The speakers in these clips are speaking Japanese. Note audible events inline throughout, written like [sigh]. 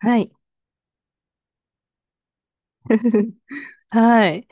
はい。[laughs] はい。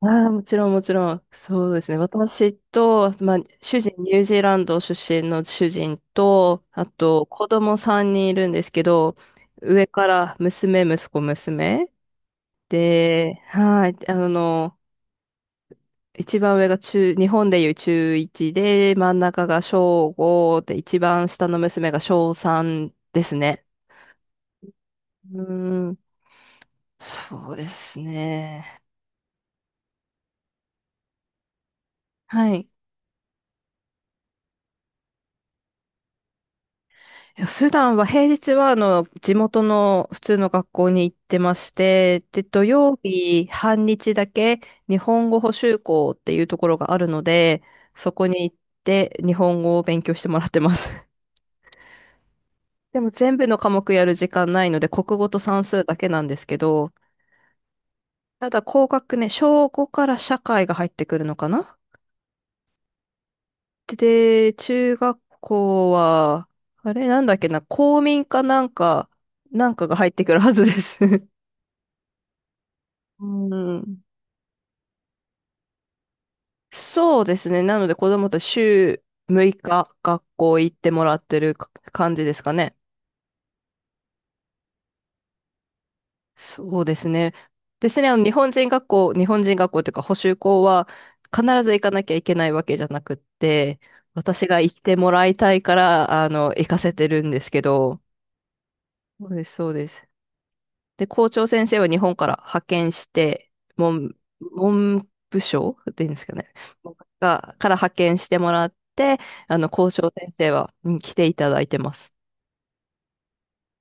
ああ、もちろん、もちろん。そうですね。私と、まあ、主人、ニュージーランド出身の主人と、あと、子供3人いるんですけど、上から娘、息子、娘。で、はい。一番上が日本でいう中1で、真ん中が小5で、一番下の娘が小3ですね。うーん、そうですね。はい。いや普段は、平日は、地元の普通の学校に行ってまして、で、土曜日半日だけ日本語補習校っていうところがあるので、そこに行って日本語を勉強してもらってます。[laughs] でも全部の科目やる時間ないので、国語と算数だけなんですけど、ただ高学年、小5から社会が入ってくるのかな。で、中学校は、あれなんだっけな、公民かなんかが入ってくるはずです。うん、そうですね。なので子供と週6日学校行ってもらってるか感じですかね。そうですね。別に日本人学校、日本人学校というか補習校は必ず行かなきゃいけないわけじゃなくって、私が行ってもらいたいから、行かせてるんですけど、そうです、そうです。で、校長先生は日本から派遣して、文部省っていうんですかね。から派遣してもらって、校長先生は、来ていただいてます。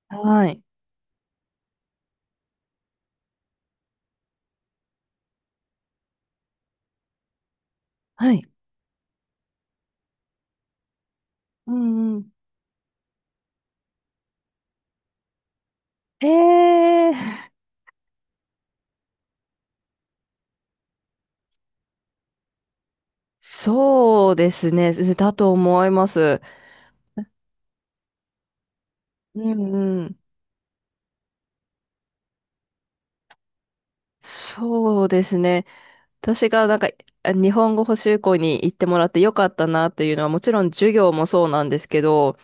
はい。はい。うんうん。ええ、そうですね。だと思います。うんうん。そうですね。私がなんか日本語補習校に行ってもらってよかったなというのはもちろん授業もそうなんですけど、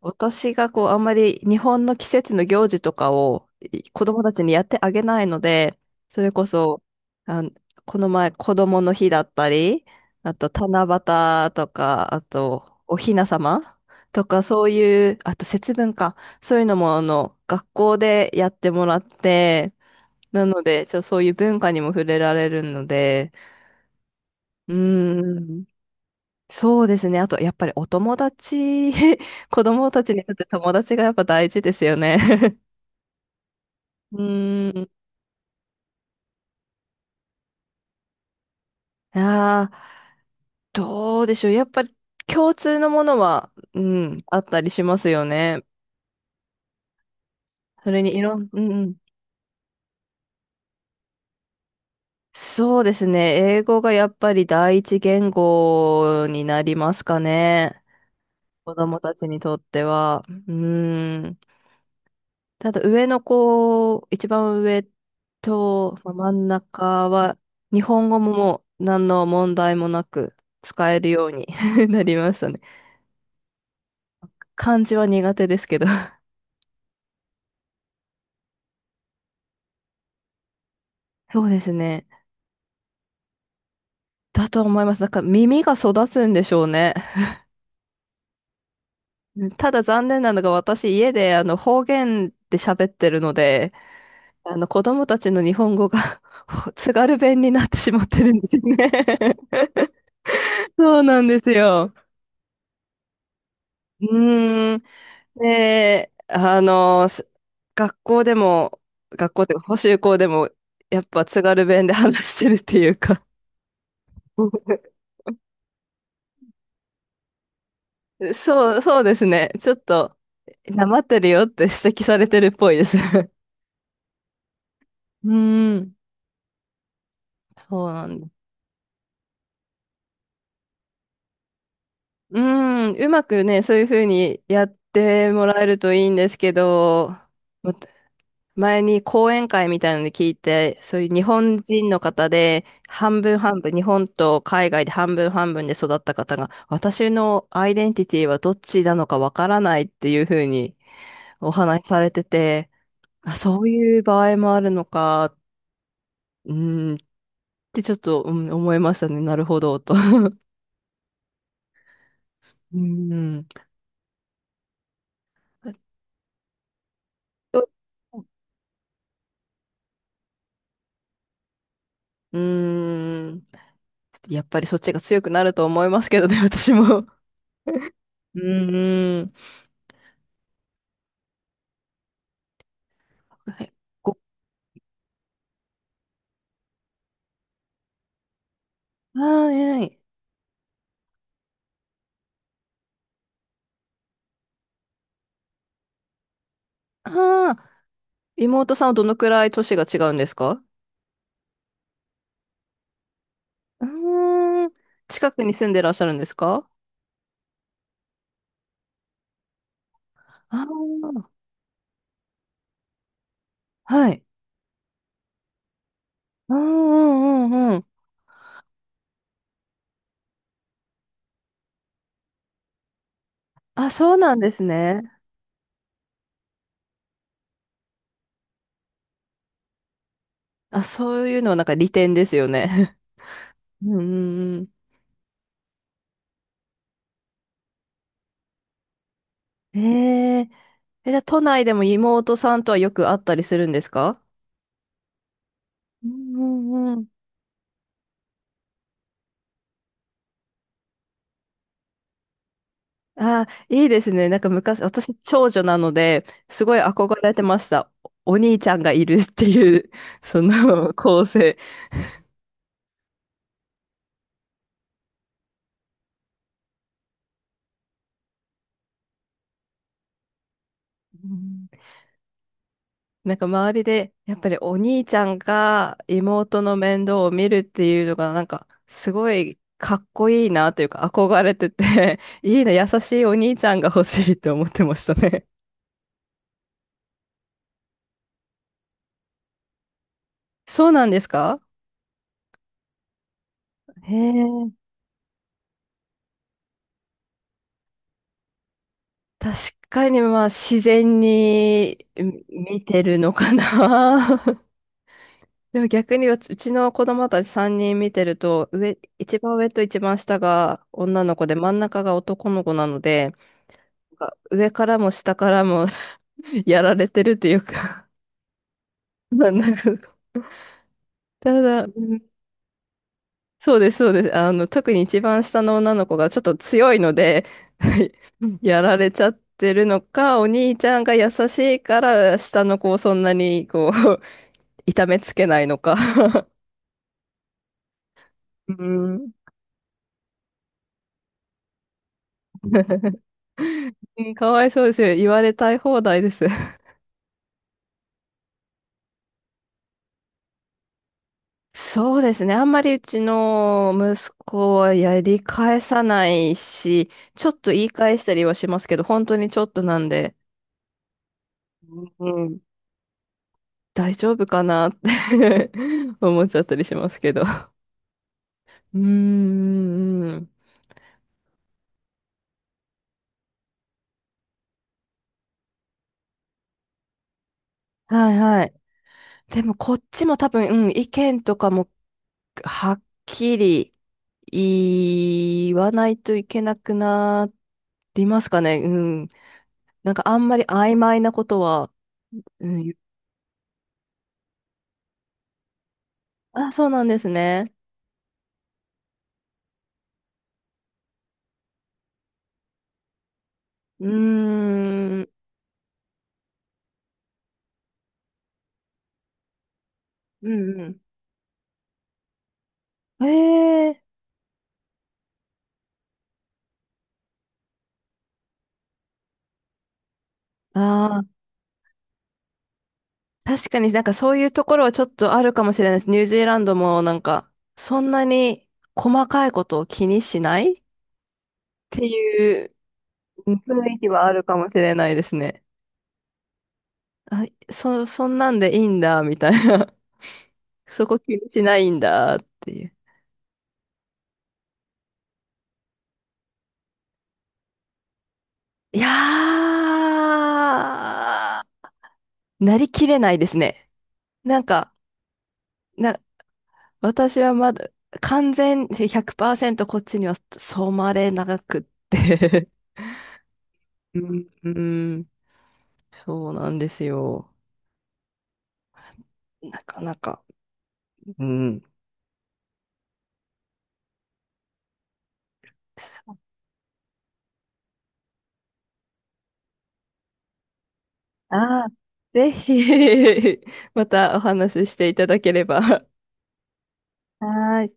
私がこう、あんまり日本の季節の行事とかをい子供たちにやってあげないので、それこそ、あの、この前、子供の日だったり、あと、七夕とか、あと、お雛様とか、そういう、あと、節分か、そういうのも、学校でやってもらって、なので、そういう文化にも触れられるので、うーん、そうですね。あと、やっぱりお友達、[laughs] 子供たちにとって友達がやっぱ大事ですよね。[laughs] うーん。ああ、どうでしょう。やっぱり共通のものは、あったりしますよね。それにいろん、うんうん。そうですね。英語がやっぱり第一言語になりますかね。子供たちにとっては。うーん。ただ上の子、一番上と、まあ真ん中は、日本語ももう何の問題もなく使えるように [laughs] なりましたね。漢字は苦手ですけど。そうですね。だと思います。だから耳が育つんでしょうね。ただ残念なのが私家で方言で喋ってるので、子供たちの日本語が [laughs] 津軽弁になってしまってるんですよね。 [laughs] そうなんですよ。うーん。で、学校でも、学校っていうか補習校でも、やっぱ津軽弁で [laughs] 話してるっていうか [laughs] そう、そうですね。ちょっと、なまってるよって指摘されてるっぽいです。[laughs] うーん、そうなんです。うーん、うまくね、そういうふうにやってもらえるといいんですけど、ま前に講演会みたいなので聞いて、そういう日本人の方で、半分半分、日本と海外で半分半分で育った方が、私のアイデンティティはどっちなのかわからないっていうふうにお話しされてて、あ、そういう場合もあるのか、うん、ってちょっと、思いましたね。なるほど、と。[laughs] うん。うん。やっぱりそっちが強くなると思いますけどね、私も。うん。はい。ごはい。ああ、妹さんはどのくらい年が違うんですか？うーん、近くに住んでらっしゃるんですか？ああ、はい。うんうんうんうん。あ、そうなんですね。あ、そういうのはなんか利点ですよね。[laughs] うんうんうん。[laughs] じゃあ都内でも妹さんとはよく会ったりするんですか？うんうんうん。いいですね。なんか昔、私、長女なので、すごい憧れてました。お兄ちゃんがいるっていう、その [laughs] 構成。うん、なんか周りで、やっぱりお兄ちゃんが妹の面倒を見るっていうのが、なんかすごいかっこいいなというか憧れてて [laughs] いいな、優しいお兄ちゃんが欲しいって思ってましたね。そうなんですか？へえ、確かにまあ自然に見てるのかな。[laughs] でも逆にうちの子供たち3人見てると、上、一番上と一番下が女の子で真ん中が男の子なので、上からも下からも [laughs] やられてるというか [laughs] まあなんかただ、うん、そうです、そうです。特に一番下の女の子がちょっと強いので [laughs] やられちゃってるのか、お兄ちゃんが優しいから下の子をそんなにこう [laughs] 痛めつけないのか、うん、うんかわいそうですよ。言われたい放題です。そうですね。あんまりうちの息子はやり返さないし、ちょっと言い返したりはしますけど、本当にちょっとなんで。うん。大丈夫かなって [laughs] 思っちゃったりしますけど。うーん。はいはい。でもこっちも多分、意見とかもはっきり言わないといけなくなりますかね。うん。なんかあんまり曖昧なことは、うん。あ、そうなんですね。うーん。うんうん。へえ。ああ、確かになんかそういうところはちょっとあるかもしれないです。ニュージーランドもなんか、そんなに細かいことを気にしないっていううん雰囲気はあるかもしれないですね。あ、そんなんでいいんだ、みたいな。[laughs] そこ気にしないんだ、っていう。いやー、なりきれないですね。なんか、な、私はまだ完全100%こっちには染まれなくって [laughs] うん、うんそうなんですよ。なかなか。うん。ああ、ぜひ [laughs] またお話ししていただければ。はーい。